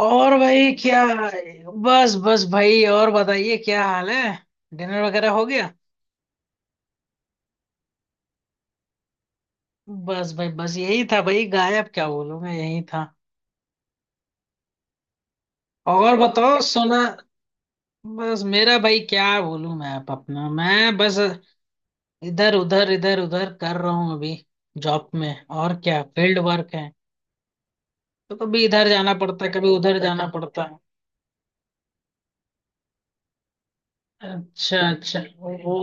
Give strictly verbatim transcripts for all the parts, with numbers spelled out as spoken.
और भाई क्या? बस बस भाई, और बताइए क्या हाल है। डिनर वगैरह हो गया? बस भाई, बस यही था भाई, गायब क्या बोलूं मैं, यही था। और बताओ, सुना। बस मेरा भाई क्या बोलूं मैं, आप अपना, मैं बस इधर उधर इधर उधर कर रहा हूँ अभी। जॉब में और क्या, फील्ड वर्क है, तो कभी इधर जाना पड़ता है, कभी उधर जाना पड़ता है। अच्छा अच्छा, वो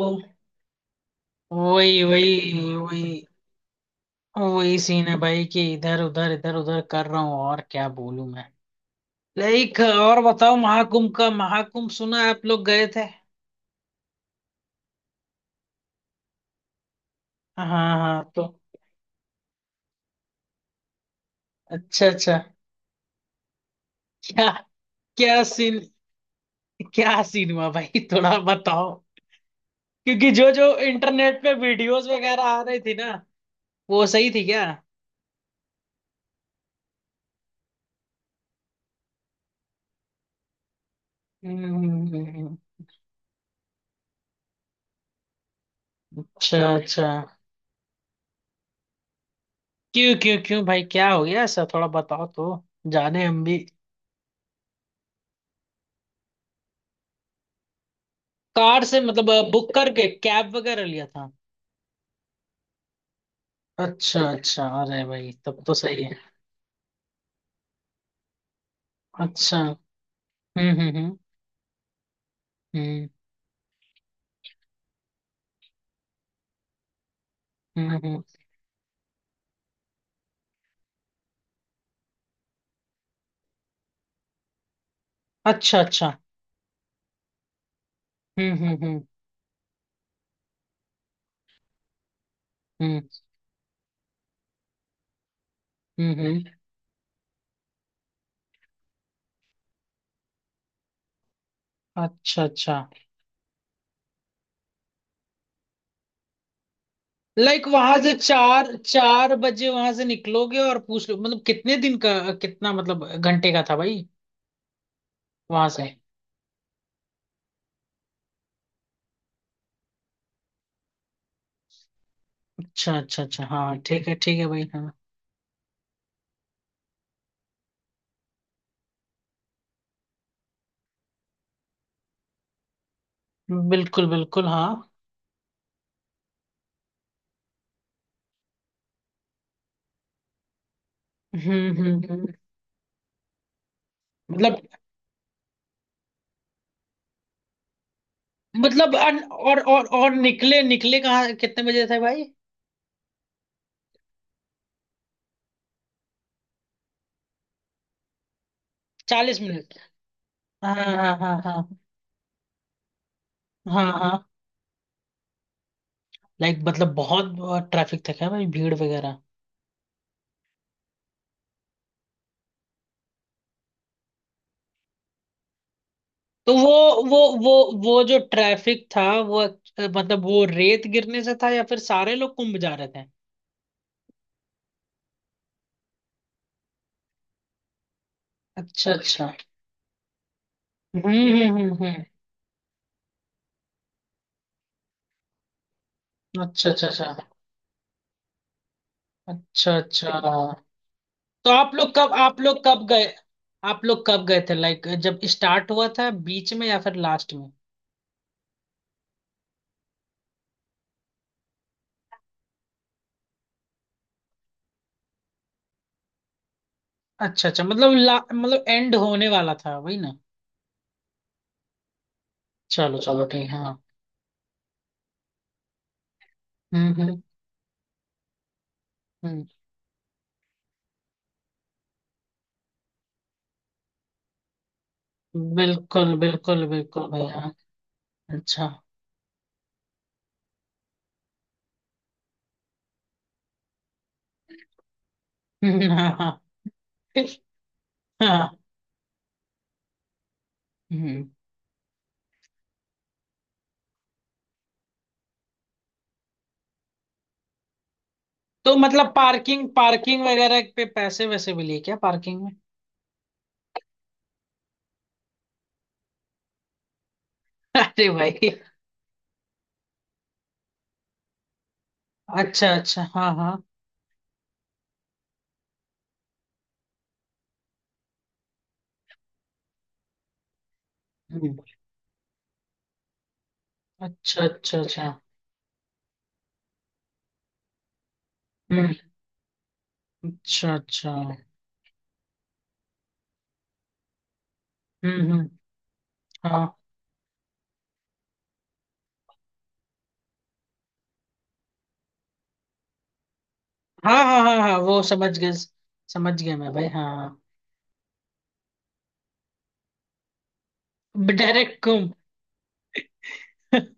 वही वही वही, वही सीन है भाई कि इधर उधर इधर उधर कर रहा हूँ, और क्या बोलूं मैं। लाइक और बताओ, महाकुंभ का, महाकुंभ सुना है, आप लोग गए थे। हाँ हाँ हाँ, तो अच्छा अच्छा। क्या? क्या सीन? क्या सीन हुआ भाई थोड़ा बताओ। क्योंकि जो जो इंटरनेट पे वीडियोस वगैरह आ रही थी ना, वो सही थी क्या? हम्म हम्म, हम्म। अच्छा अच्छा। क्यों क्यों क्यों भाई, क्या हो गया ऐसा, थोड़ा बताओ तो, जाने हम भी। कार से मतलब, बुक करके कैब वगैरह लिया था? अच्छा अच्छा, अरे भाई तब तो सही है। अच्छा। हम्म हम्म हम्म। हम्म हम्म हम्म, अच्छा अच्छा। हम्म हम्म हम्म हम्म हम्म हम्म, अच्छा अच्छा। लाइक वहां से चार चार बजे वहां से निकलोगे, और पूछ लो मतलब कितने दिन का, कितना मतलब घंटे का था भाई वहां से। अच्छा अच्छा अच्छा, हाँ ठीक है, ठीक है भाई, हाँ। बिल्कुल बिल्कुल हाँ। हम्म हम्म हम्म। मतलब, मतलब अन- और और और निकले निकले कहाँ, कितने बजे थे भाई? चालीस मिनट। हाँ हाँ हाँ हाँ हाँ हाँ। लाइक मतलब बहुत, बहुत ट्रैफिक था क्या भाई, भीड़ वगैरह? तो वो वो वो वो जो ट्रैफिक था, वो अ, मतलब वो रेत गिरने से था, या फिर सारे लोग कुंभ जा रहे थे? अच्छा अच्छा। हम्म हम्म हम्म हम्म। अच्छा अच्छा अच्छा। अच्छा अच्छा। तो आप लोग कब, आप लोग कब गए, आप लोग कब गए थे, लाइक जब स्टार्ट हुआ था, बीच में, या फिर लास्ट में? अच्छा अच्छा मतलब ला, मतलब एंड होने वाला था वही ना। चलो चलो ठीक है, हाँ। हम्म हम्म हम्म। बिल्कुल बिल्कुल बिल्कुल भैया। अच्छा। हाँ हाँ, हम्म। तो मतलब पार्किंग, पार्किंग वगैरह पे पैसे वैसे भी लिए क्या पार्किंग में? अरे भाई। अच्छा अच्छा, हाँ हाँ। हम्म। अच्छा अच्छा अच्छा। हम्म। अच्छा अच्छा। हम्म हम्म। हाँ हाँ हाँ हाँ हाँ, वो समझ गए, समझ गया मैं भाई, हाँ। डायरेक्ट कुम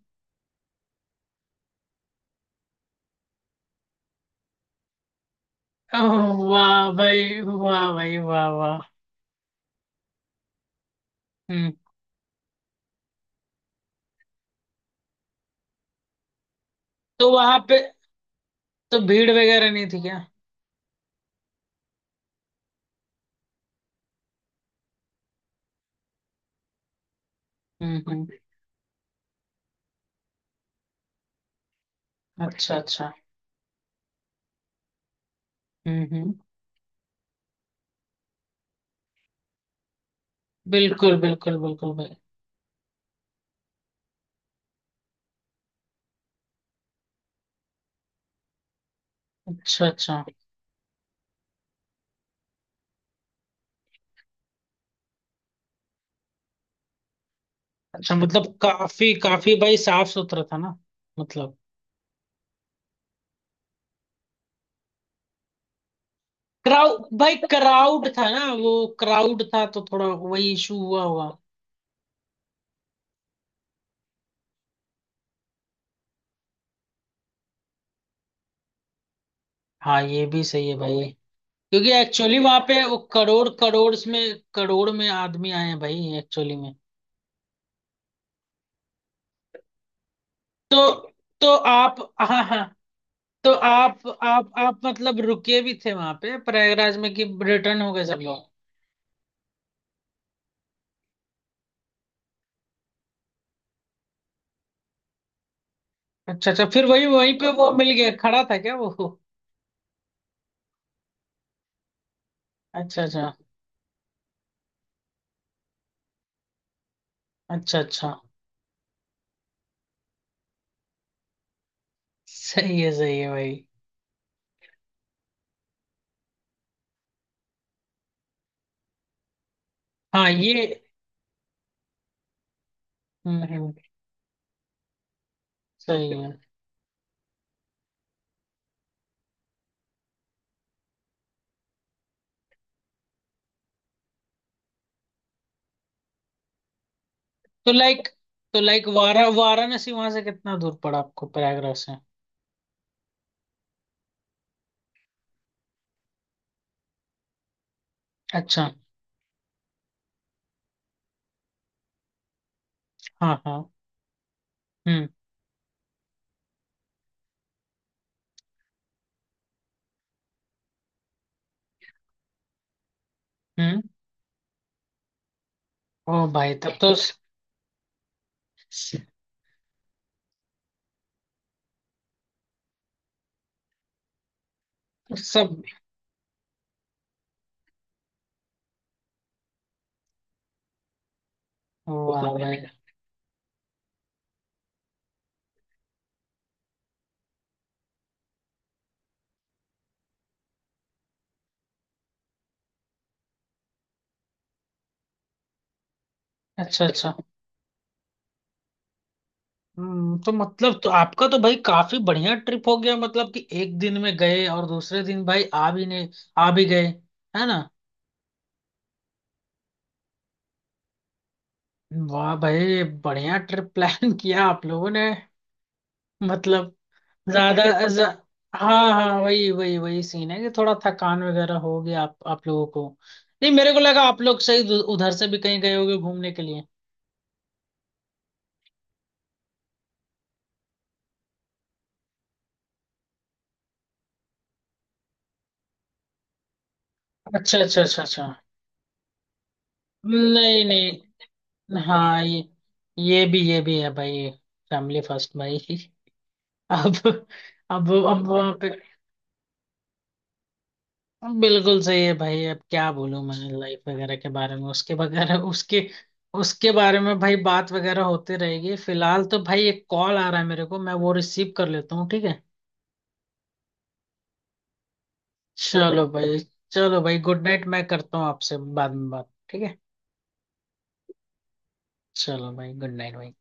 वाह भाई, वाह भाई, वाह वाह। हम्म। तो वहां पे, तो भीड़ वगैरह नहीं थी क्या? हम्म। अच्छा अच्छा। हम्म हम्म। बिल्कुल बिल्कुल बिल्कुल भाई। अच्छा अच्छा अच्छा, मतलब काफी काफी भाई साफ सुथरा था ना, मतलब? क्राउड भाई, क्राउड था ना वो? क्राउड था तो थोड़ा वही इशू हुआ हुआ हाँ ये भी सही है भाई। क्योंकि एक्चुअली वहां पे वो करोड़ करोड़ में, करोड़ में आदमी आए हैं भाई एक्चुअली में। तो तो आप, हाँ हाँ। तो आप आप आप मतलब रुके भी थे वहां पे प्रयागराज में, कि रिटर्न हो गए सब लोग? अच्छा अच्छा, फिर वही वहीं पे वो मिल गया, खड़ा था क्या वो? अच्छा अच्छा अच्छा अच्छा। सही है सही है भाई, हाँ ये, हम्म हम्म, सही है। तो लाइक, तो लाइक वारा वाराणसी वहां से कितना दूर पड़ा आपको प्रयागराज से? अच्छा। हाँ हाँ। हम्म। हम्म। ओ भाई तब तो स- स- सब, वाह भाई। अच्छा अच्छा। हम्म, तो मतलब तो आपका तो भाई काफी बढ़िया ट्रिप हो गया, मतलब कि एक दिन में गए और दूसरे दिन भाई आ भी नहीं, आ भी गए, है ना? वाह भाई, बढ़िया ट्रिप प्लान किया आप लोगों ने, मतलब। नहीं ज्यादा पहले खुद ज- हाँ हाँ, वही वही वही सीन है, कि थोड़ा थकान वगैरह हो गया आप आप लोगों को। नहीं मेरे को लगा आप लोग सही दु- उधर से भी कहीं गए होगे घूमने के लिए। अच्छा अच्छा अच्छा अच्छा, नहीं नहीं, हाँ ये, ये भी ये भी है भाई। फैमिली फर्स्ट भाई अब अब अब वहाँ पे बिल्कुल सही है भाई, अब क्या बोलूं मैं लाइफ वगैरह के बारे में, उसके वगैरह, उसके उसके बारे में भाई, बात वगैरह होती रहेगी। फिलहाल तो भाई एक कॉल आ रहा है मेरे को, मैं वो रिसीव कर लेता हूँ, ठीक है? चलो भाई। चलो भाई गुड नाइट, मैं करता हूँ आपसे बाद में बात, ठीक है? चलो भाई, गुड नाइट भाई।